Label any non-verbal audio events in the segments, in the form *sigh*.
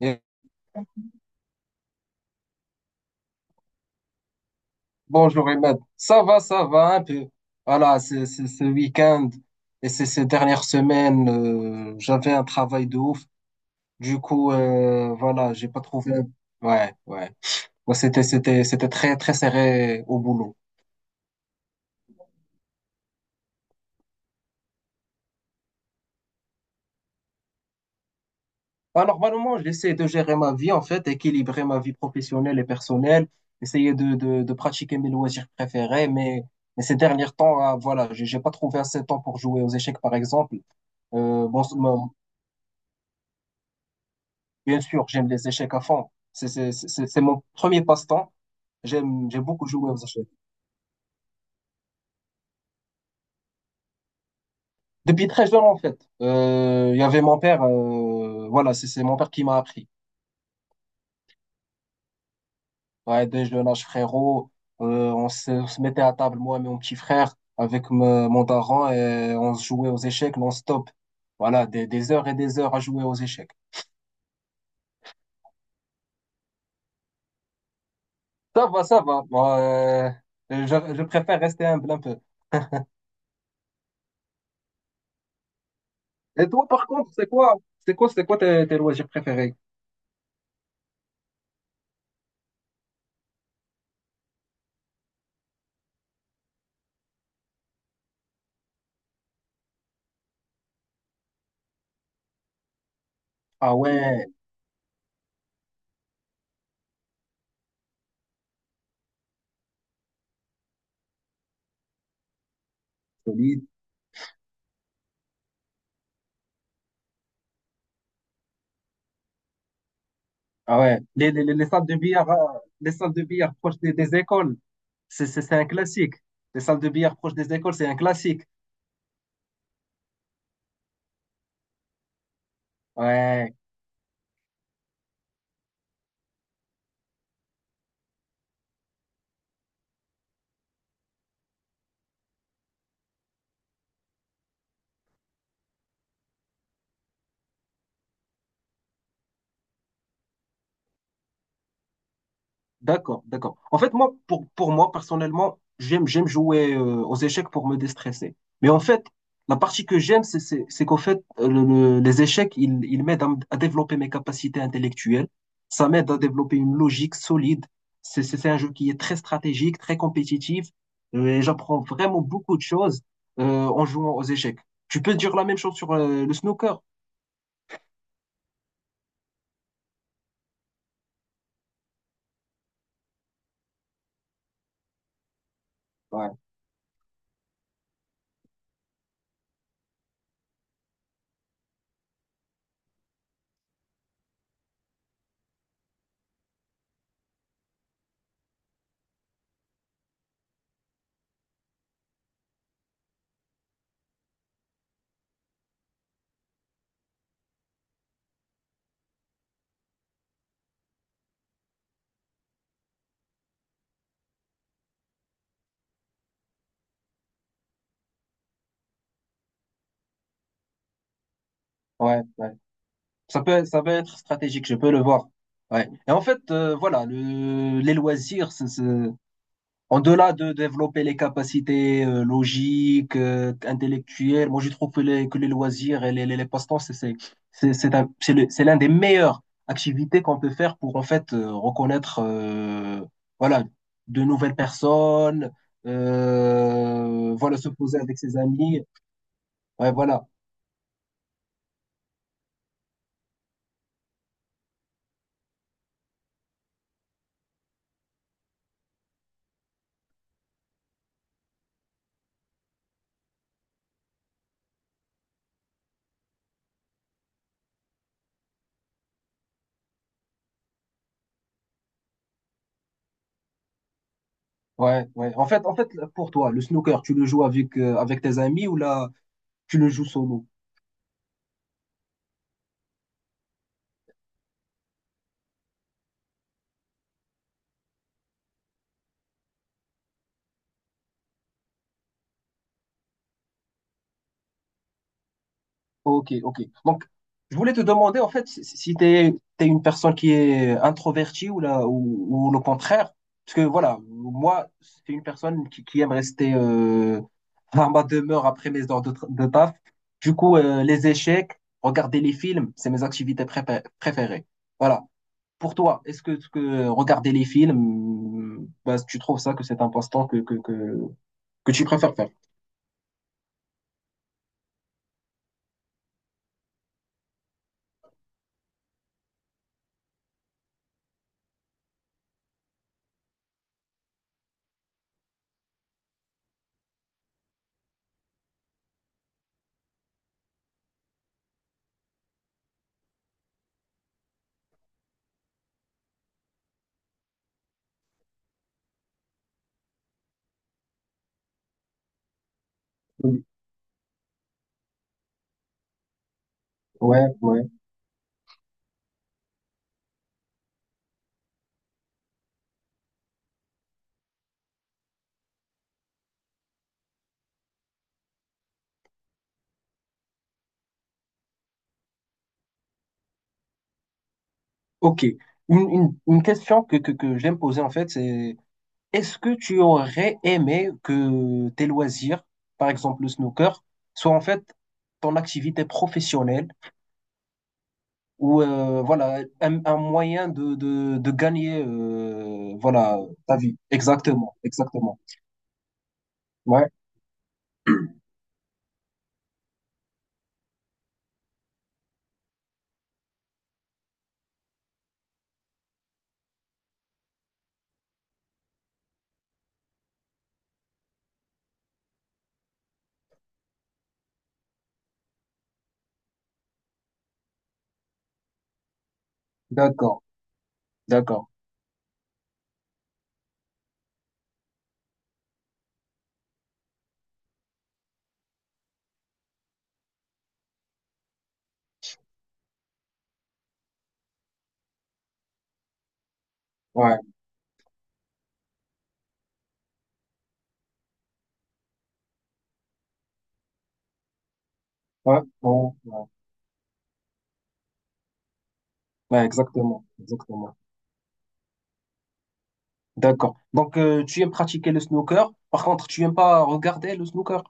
Et bonjour Ahmed, ça va un peu. Voilà, ce week-end et c'est ces dernières semaines, j'avais un travail de ouf. Du coup, voilà, j'ai pas trouvé. Ouais, ouais. Moi, c'était très très serré au boulot. Alors, normalement, j'essaie de gérer ma vie en fait, équilibrer ma vie professionnelle et personnelle, essayer de pratiquer mes loisirs préférés. Mais ces derniers temps, ah, voilà, j'ai pas trouvé assez de temps pour jouer aux échecs, par exemple. Euh, bon, Bien sûr, j'aime les échecs à fond. C'est mon premier passe-temps. J'aime, j'ai beaucoup joué aux échecs. Depuis très jeune, en fait. Il y avait mon père, voilà, c'est mon père qui m'a appris. Ouais, dès jeune âge, frérot, on se mettait à table, moi et mon petit frère, avec mon daron, et on se jouait aux échecs non-stop. Voilà, des heures et des heures à jouer aux échecs. Ça va, ça va. Je, je préfère rester humble un peu. Et toi, par contre, c'est quoi tes, tes loisirs préférés? Ah ouais. Solide. Ah ouais, les salles de billard, les salles de billard proches des écoles, c'est un classique. Les salles de billard proches des écoles, c'est un classique. Ouais. D'accord, d'accord. En fait, moi, pour moi, personnellement, j'aime jouer aux échecs pour me déstresser. Mais en fait, la partie que j'aime, c'est qu'en fait, les échecs, ils m'aident à, à développer mes capacités intellectuelles. Ça m'aide à développer une logique solide. C'est un jeu qui est très stratégique, très compétitif. Et j'apprends vraiment beaucoup de choses en jouant aux échecs. Tu peux dire la même chose sur le snooker? Ouais, ouais. Ça peut être stratégique, je peux le voir. Ouais. Et en fait, voilà, les loisirs, en-delà de développer les capacités logiques, intellectuelles, moi je trouve que les loisirs et les passe-temps, c'est un- c'est le- c'est l'un des meilleures activités qu'on peut faire pour en fait reconnaître voilà, de nouvelles personnes, voilà, se poser avec ses amis. Ouais, voilà. Ouais, ouais. En fait, pour toi, le snooker, tu le joues avec, avec tes amis ou là, tu le joues solo? Ok, ok. Donc, je voulais te demander, en fait, si t'es, t'es une personne qui est introvertie ou là, ou le contraire. Parce que voilà, moi, c'est une personne qui aime rester à ma demeure après mes heures de, de taf. Du coup, les échecs, regarder les films, c'est mes activités préférées. Voilà. Pour toi, est-ce que regarder les films, bah, tu trouves ça que c'est un passe-temps que tu préfères faire? Oui. Ouais, ouais. Ok. Une question que j'aime poser en fait, c'est est-ce que tu aurais aimé que tes loisirs, par exemple le snooker, soient en fait ton activité professionnelle ou voilà un moyen de gagner voilà ta vie. Exactement, exactement. Ouais, d'accord, d'accord. Ouais, ouais, bon. Ouais, exactement, exactement. D'accord. Donc, tu aimes pratiquer le snooker. Par contre, tu aimes pas regarder le snooker.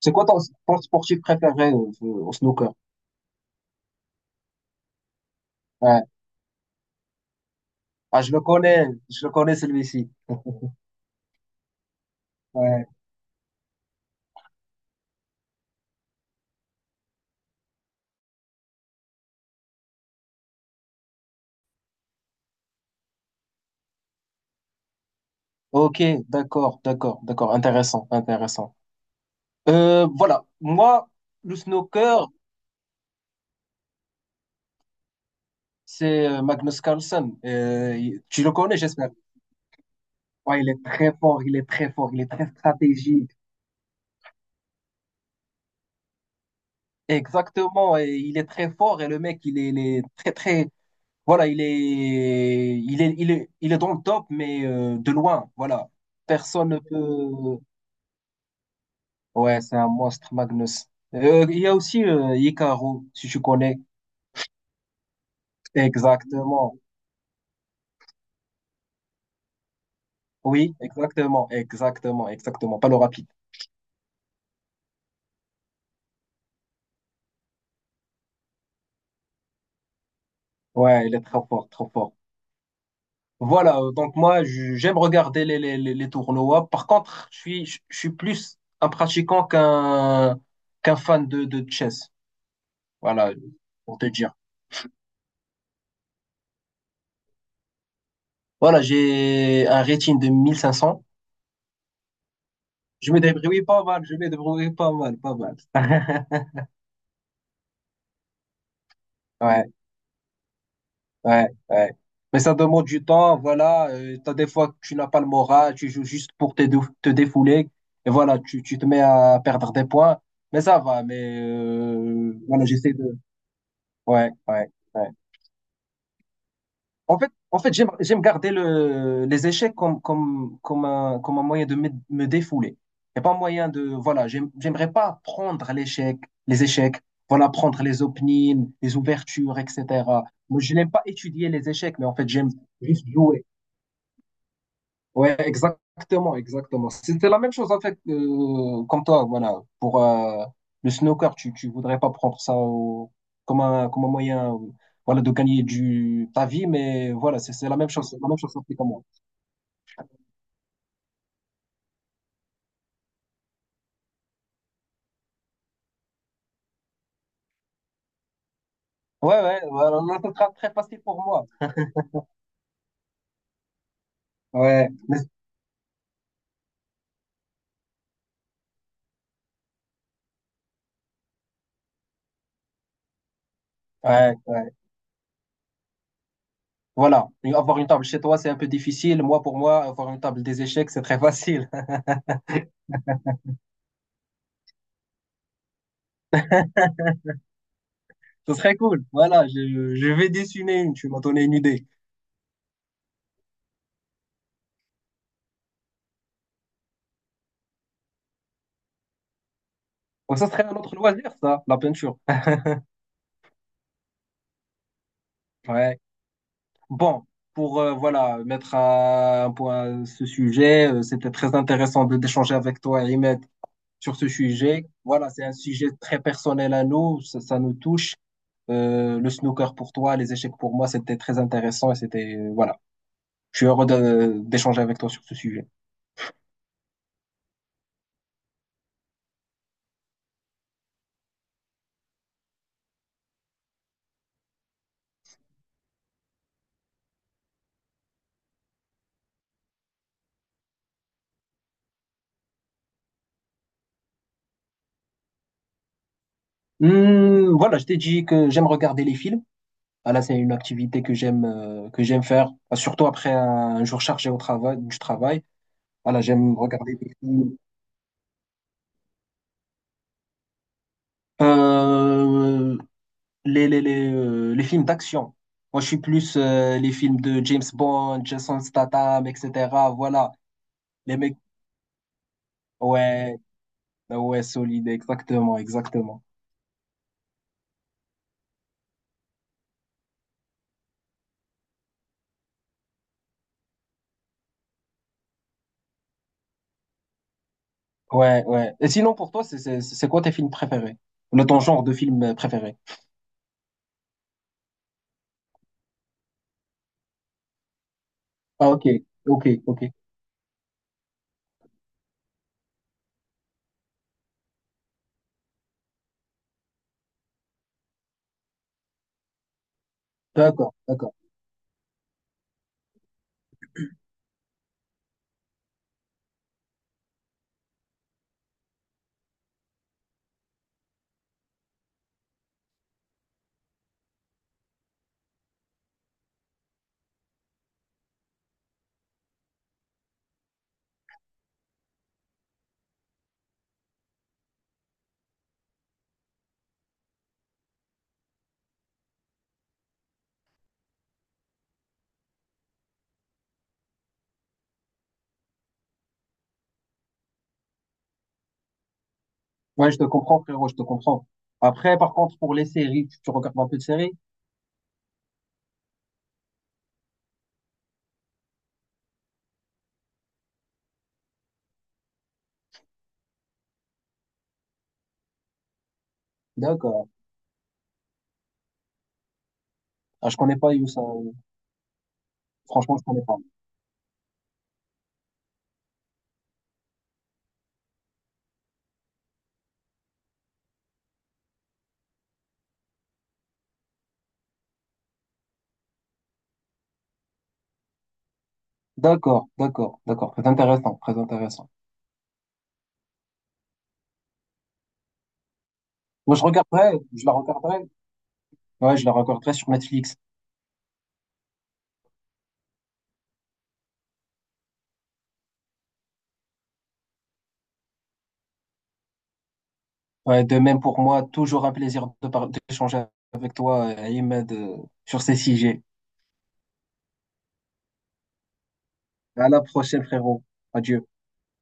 C'est quoi ton, ton sportif préféré au snooker? Ouais. Ah, je le connais celui-ci. *laughs* Ouais. Ok, d'accord, d'accord, d'accord. Intéressant, intéressant. Voilà. Moi, le snooker, c'est Magnus Carlsen. Tu le connais, j'espère. Ouais, il est très fort, il est très fort, il est très stratégique. Exactement, et il est très fort et le mec, il est très, très, Voilà, il est dans le top, mais de loin. Voilà, personne ne peut. Ouais, c'est un monstre, Magnus. Il y a aussi Hikaru, si tu connais. Exactement. Oui, exactement, exactement, exactement. Pas le rapide. Ouais, il est trop fort, trop fort. Voilà, donc moi, j'aime regarder les tournois. Par contre, je suis plus un pratiquant qu'un fan de chess. Voilà, pour te dire. Voilà, j'ai un rating de 1500. Je me débrouille pas mal, je me débrouille pas mal, pas mal. *laughs* Ouais, ouais, ouais. Mais ça demande du temps, voilà. T'as des fois que tu n'as pas le moral, tu joues juste pour te, te défouler. Et voilà, tu te mets à perdre des points. Mais ça va, mais voilà, j'essaie de. Ouais, ouais, ouais. En fait, j'aime garder les échecs comme un moyen de me défouler. Et pas un moyen de, voilà, j'aimerais pas prendre l'échec, les échecs, voilà, prendre les openings, les ouvertures, etc. Moi, je n'aime pas étudier les échecs, mais en fait, j'aime juste jouer. Ouais, exactement, exactement. C'était la même chose avec comme toi, voilà. Pour le snooker, tu voudrais pas prendre ça comme un moyen, voilà, de gagner du ta vie, mais voilà, c'est la même chose, c'est la même chose applique à moi. Ouais, ouais, voilà, là, ça sera très facile pour moi. Ouais, ouais, ouais. Voilà, et avoir une table chez toi, c'est un peu difficile. Moi, pour moi, avoir une table des échecs, c'est très facile. *laughs* Ce serait cool. Voilà, je vais dessiner une. Tu m'as donné une idée. Bon, ça serait un autre loisir, ça, la peinture. *laughs* Ouais. Bon, pour voilà mettre un point à ce sujet, c'était très intéressant de d'échanger avec toi, Ahmed, sur ce sujet. Voilà, c'est un sujet très personnel à nous, ça nous touche. Le snooker pour toi, les échecs pour moi, c'était très intéressant et c'était voilà. Je suis heureux d'échanger avec toi sur ce sujet. Voilà, je t'ai dit que j'aime regarder les films. Voilà, c'est une activité que j'aime faire, surtout après un, jour chargé au travail du travail. Voilà, j'aime regarder des films. Euh, les films d'action. Moi, je suis plus les films de James Bond, Jason Statham, etc. Voilà, les mecs. Ouais, ah ouais, solide, exactement, exactement. Ouais, ouais. Et sinon, pour toi, c'est quoi tes films préférés? Le ton genre de film préféré? Ah, ok, ok, ok. D'accord, d'accord. Ouais, je te comprends, frérot, je te comprends. Après, par contre, pour les séries, tu regardes un peu de séries? D'accord. Ah, je connais pas Youssa. Franchement, je connais pas. D'accord, d'accord, d'accord. Très intéressant, très intéressant. Moi, je regarderai, je la regarderai. Ouais, je la regarderai sur Netflix. Ouais, de même pour moi, toujours un plaisir de d'échanger avec toi, Ahmed, sur ces sujets. À la prochaine, frérot. Adieu.